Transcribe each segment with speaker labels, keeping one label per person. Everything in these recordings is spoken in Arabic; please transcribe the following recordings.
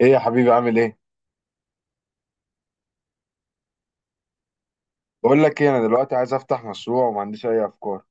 Speaker 1: ايه يا حبيبي، عامل ايه؟ بقول لك ايه، انا دلوقتي عايز افتح مشروع وما عنديش اي افكار.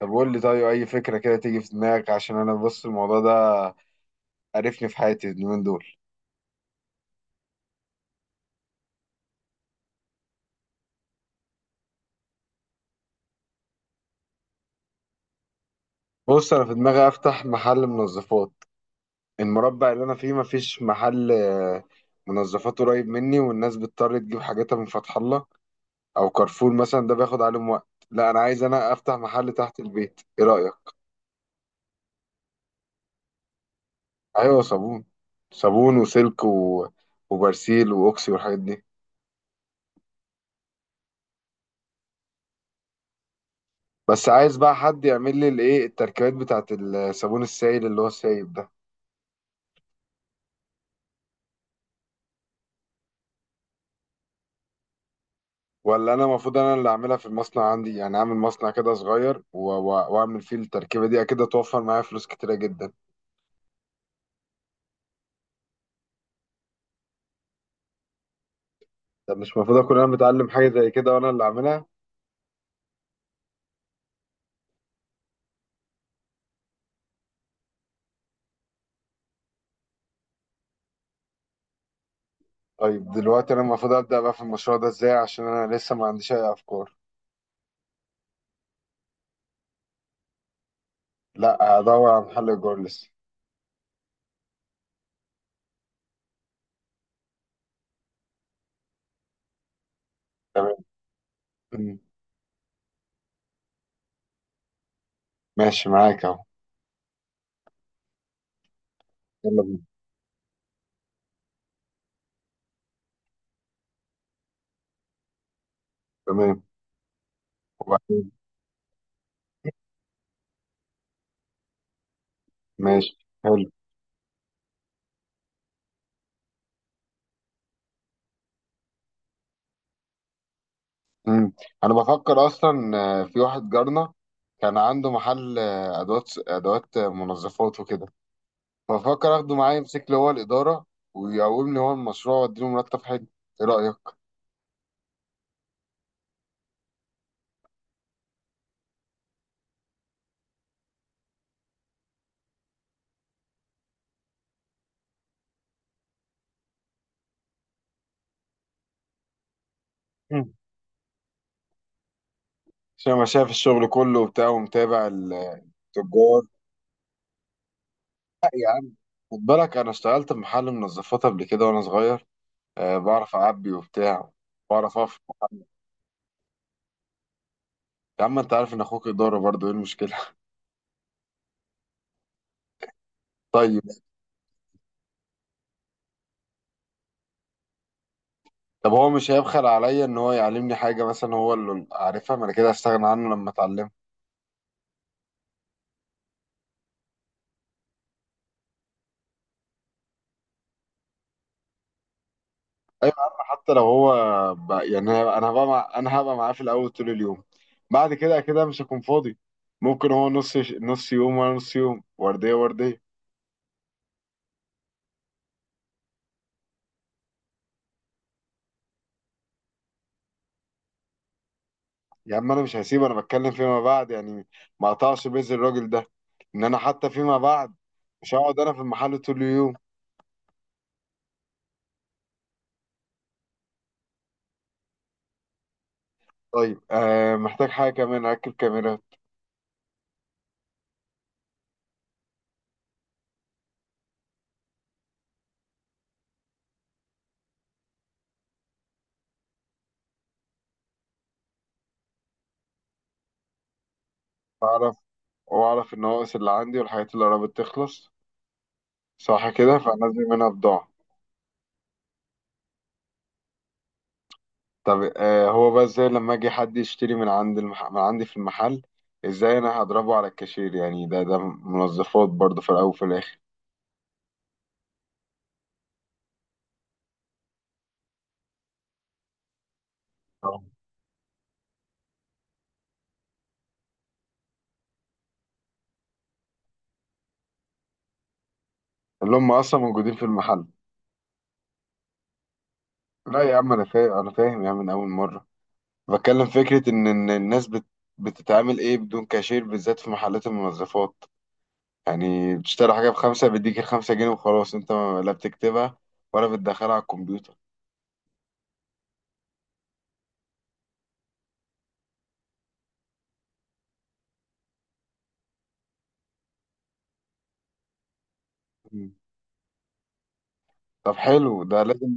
Speaker 1: طب قول لي، طيب اي فكره كده تيجي في دماغك؟ عشان انا بص، الموضوع ده قرفني في حياتي اليومين دول. بص، انا في دماغي افتح محل منظفات. المربع اللي انا فيه مفيش محل منظفات قريب مني، والناس بتضطر تجيب حاجاتها من فتح الله او كارفور مثلا، ده بياخد عليهم وقت. لا، انا عايز انا افتح محل تحت البيت. ايه رايك؟ ايوه صابون. صابون وسلك وبرسيل واوكسي والحاجات دي. بس عايز بقى حد يعمل لي التركيبات بتاعت الصابون السائل اللي هو السايب ده. ولا انا المفروض انا اللي اعملها في المصنع عندي؟ يعني اعمل مصنع كده صغير واعمل فيه التركيبه دي، اكيد هتوفر معايا فلوس كتيره جدا. طب مش المفروض اكون انا متعلم حاجه زي كده وانا اللي اعملها؟ طيب دلوقتي انا المفروض ابدا بقى في المشروع ده ازاي؟ عشان انا لسه ما عنديش اي افكار. لا، هدور على محل ايجار لسه. تمام. مم. ماشي معاك اهو. يلا بينا. تمام. وبعدين. ماشي. حلو. مم. انا بفكر اصلا في واحد جارنا، كان عنده محل ادوات منظفات وكده. بفكر اخده معايا يمسك لي هو الاداره، ويقوم لي هو المشروع واديله مرتب حلو. ايه رايك؟ مم. عشان انا شايف الشغل كله وبتاع، ومتابع التجار. لا يا عم، خد بالك انا اشتغلت في محل منظفات قبل كده وانا صغير. أه بعرف اعبي وبتاع، بعرف افرق. يا عم انت عارف ان اخوك اداره برضه، ايه المشكله؟ طيب. طب هو مش هيبخل عليا ان هو يعلمني حاجه مثلا هو اللي عارفها؟ ما انا كده هستغنى عنه لما اتعلمها. ايوه يا عم، حتى لو هو يعني انا هبقى انا هبقى معاه في الاول طول اليوم. بعد كده مش هكون فاضي. ممكن هو نص نص يوم وانا نص يوم، ورديه ورديه. يا عم انا مش هسيبه، انا بتكلم فيما بعد يعني. ما اقطعش بيز الراجل ده. ان انا حتى فيما بعد مش هقعد انا في المحل طول اليوم. طيب محتاج حاجه كمان، اركب كاميرا. اعرف. واعرف النواقص اللي عندي والحاجات اللي قربت تخلص، صح كده فنزل منها بضاعة. طب هو بقى ازاي لما اجي حد يشتري من عند من عندي في المحل؟ ازاي انا هضربه على الكاشير؟ يعني ده منظفات برضه في الاول وفي الاخر. آه. اللي هم اصلا موجودين في المحل. لا يا عم، انا فاهم، انا فاهم يا عم، من اول مرة. بتكلم فكرة ان الناس بتتعامل ايه بدون كاشير، بالذات في محلات المنظفات. يعني بتشتري حاجة بخمسة، بيديك الخمسة جنيه وخلاص، انت لا بتكتبها ولا بتدخلها على الكمبيوتر. مم. طب حلو، ده لازم.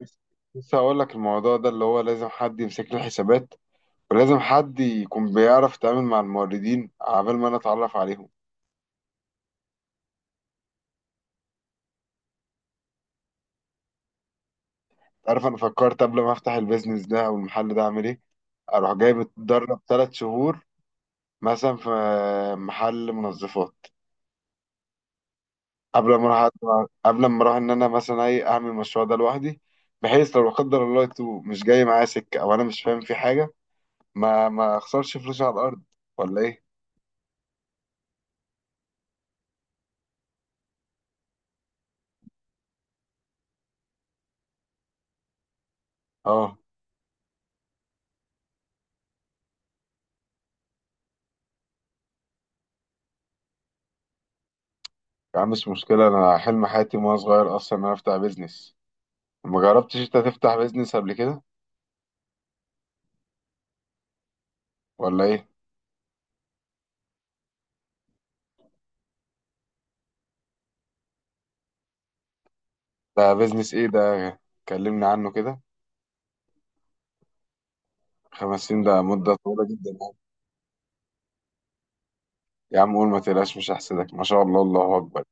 Speaker 1: بس- لسه هقول لك، الموضوع ده اللي هو لازم حد يمسك له الحسابات، ولازم حد يكون بيعرف يتعامل مع الموردين عبال ما انا اتعرف عليهم. عارف، انا فكرت قبل ما افتح البيزنس ده او المحل ده اعمل ايه، اروح جايب اتدرب ثلاث شهور مثلا في محل منظفات. قبل ما اروح قبل ما اروح ان انا مثلا ايه اعمل المشروع ده لوحدي، بحيث لو لا قدر الله تو مش جاي معايا سكه، او انا مش فاهم في حاجه، ما اخسرش فلوسي على الارض، ولا ايه؟ اه يا عم، مش مشكلة. أنا حلم حياتي وأنا صغير أصلا إن أنا أفتح بيزنس. ما جربتش أنت تفتح بيزنس قبل كده ولا إيه؟ ده بيزنس إيه ده؟ كلمني عنه كده. خمس سنين ده مدة طويلة جدا يعني. يا عم قول، ما تقلقش، مش هحسدك. ما شاء الله، الله أكبر.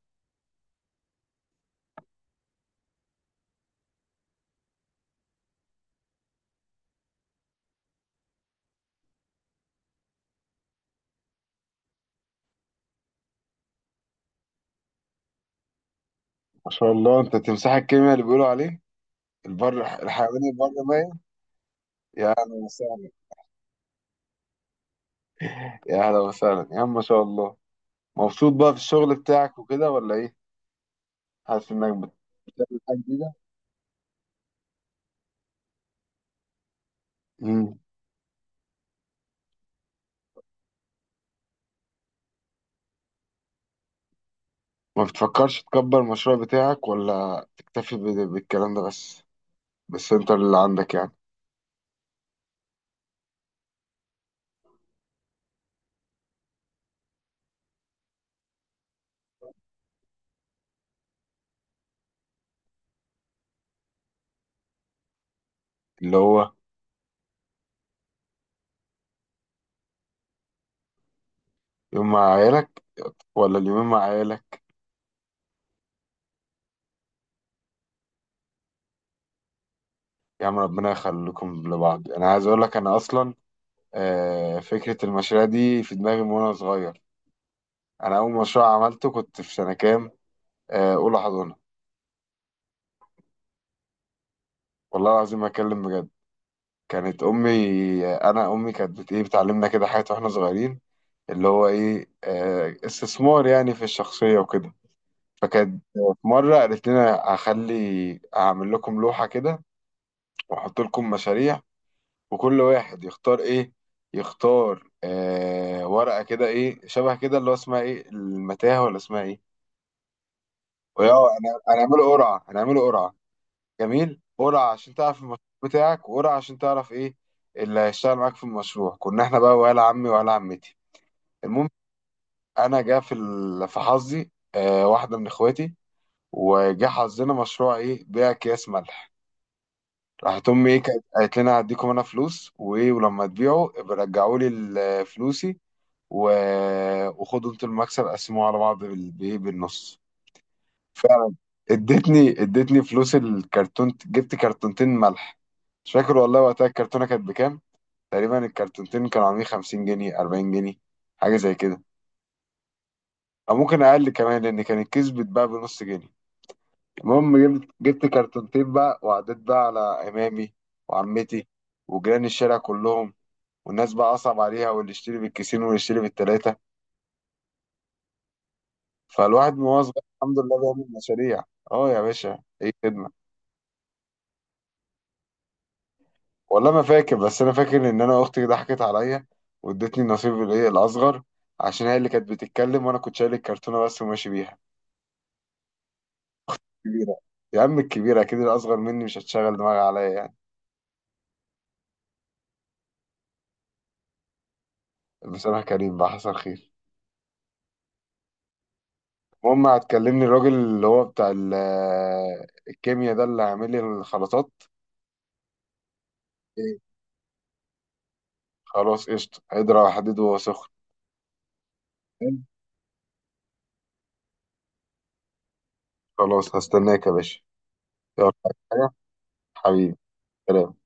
Speaker 1: ما شاء الله، أنت تمساح الكيمياء اللي بيقولوا عليه، البر الحيوان البر ميت. يا أهلا وسهلا، يا أهلا وسهلا يا عم، ما شاء الله. مبسوط بقى في الشغل بتاعك وكده ولا إيه؟ حاسس إنك بتعمل حاجة جديدة؟ ما بتفكرش تكبر المشروع بتاعك، ولا تكتفي بالكلام ده بس، بالسنتر اللي عندك يعني؟ اللي هو يوم مع عيالك ولا اليومين مع عيالك؟ يا عم ربنا يخليكم لبعض. انا عايز اقول لك، انا اصلا فكرة المشاريع دي في دماغي من وانا صغير. انا اول مشروع عملته كنت في سنة كام؟ اولى حضانة. والله العظيم ما اتكلم بجد. كانت امي، انا امي كانت بت ايه بتعلمنا كده حاجات واحنا صغيرين، اللي هو ايه استثمار يعني في الشخصية وكده. فكانت في مرة قالت لنا: هعمل لكم لوحة كده، واحط لكم مشاريع، وكل واحد يختار ايه، يختار ورقة كده ايه، شبه كده اللي هو اسمها ايه، المتاهة ولا اسمها ايه. وياه هنعمله قرعة، هنعمله قرعة. جميل. قرعة عشان تعرف المشروع بتاعك، وقرعة عشان تعرف ايه اللي هيشتغل معاك في المشروع، كنا احنا بقى ولا عمي ولا عمتي. المهم، انا جا في في حظي واحدة من اخواتي، وجا حظنا مشروع ايه بيع اكياس ملح. راحت امي ايه كانت قالت لنا: هديكم انا فلوس وايه، ولما تبيعوا ابقى رجعوا لي فلوسي، و... وخدوا انتوا المكسب قسموه على بعض بإيه؟ بالنص. فعلا. ادتني فلوس الكرتون، جبت كرتونتين ملح. مش فاكر والله وقتها الكرتونه كانت بكام، تقريبا الكرتونتين كانوا عاملين 50 جنيه، 40 جنيه، حاجه زي كده، او ممكن اقل كمان لان كان الكيس بيتباع بنص جنيه. المهم، جبت كرتونتين بقى، وعديت بقى على امامي وعمتي وجيران الشارع كلهم. والناس بقى أصعب عليها، واللي يشتري بالكيسين واللي يشتري بالتلاتة. فالواحد من وهو صغير الحمد لله بيعمل مشاريع. اه يا باشا، ايه خدمة. والله ما فاكر، بس أنا فاكر إن أنا أختي ضحكت عليا، وادتني النصيب الإيه الأصغر، عشان هي اللي كانت بتتكلم وأنا كنت شايل الكرتونة بس وماشي بيها. كبيرة. يا عم الكبيرة أكيد، الأصغر مني مش هتشغل دماغي عليا يعني. بصراحة كريم بقى، حصل خير. المهم، هتكلمني الراجل اللي هو بتاع الكيمياء ده اللي عامل لي الخلطات؟ إيه؟ خلاص قشطة، اضرب حديد وهو سخن. خلاص هستناك يا باشا. يلا عايز حاجة، حبيبي. سلام.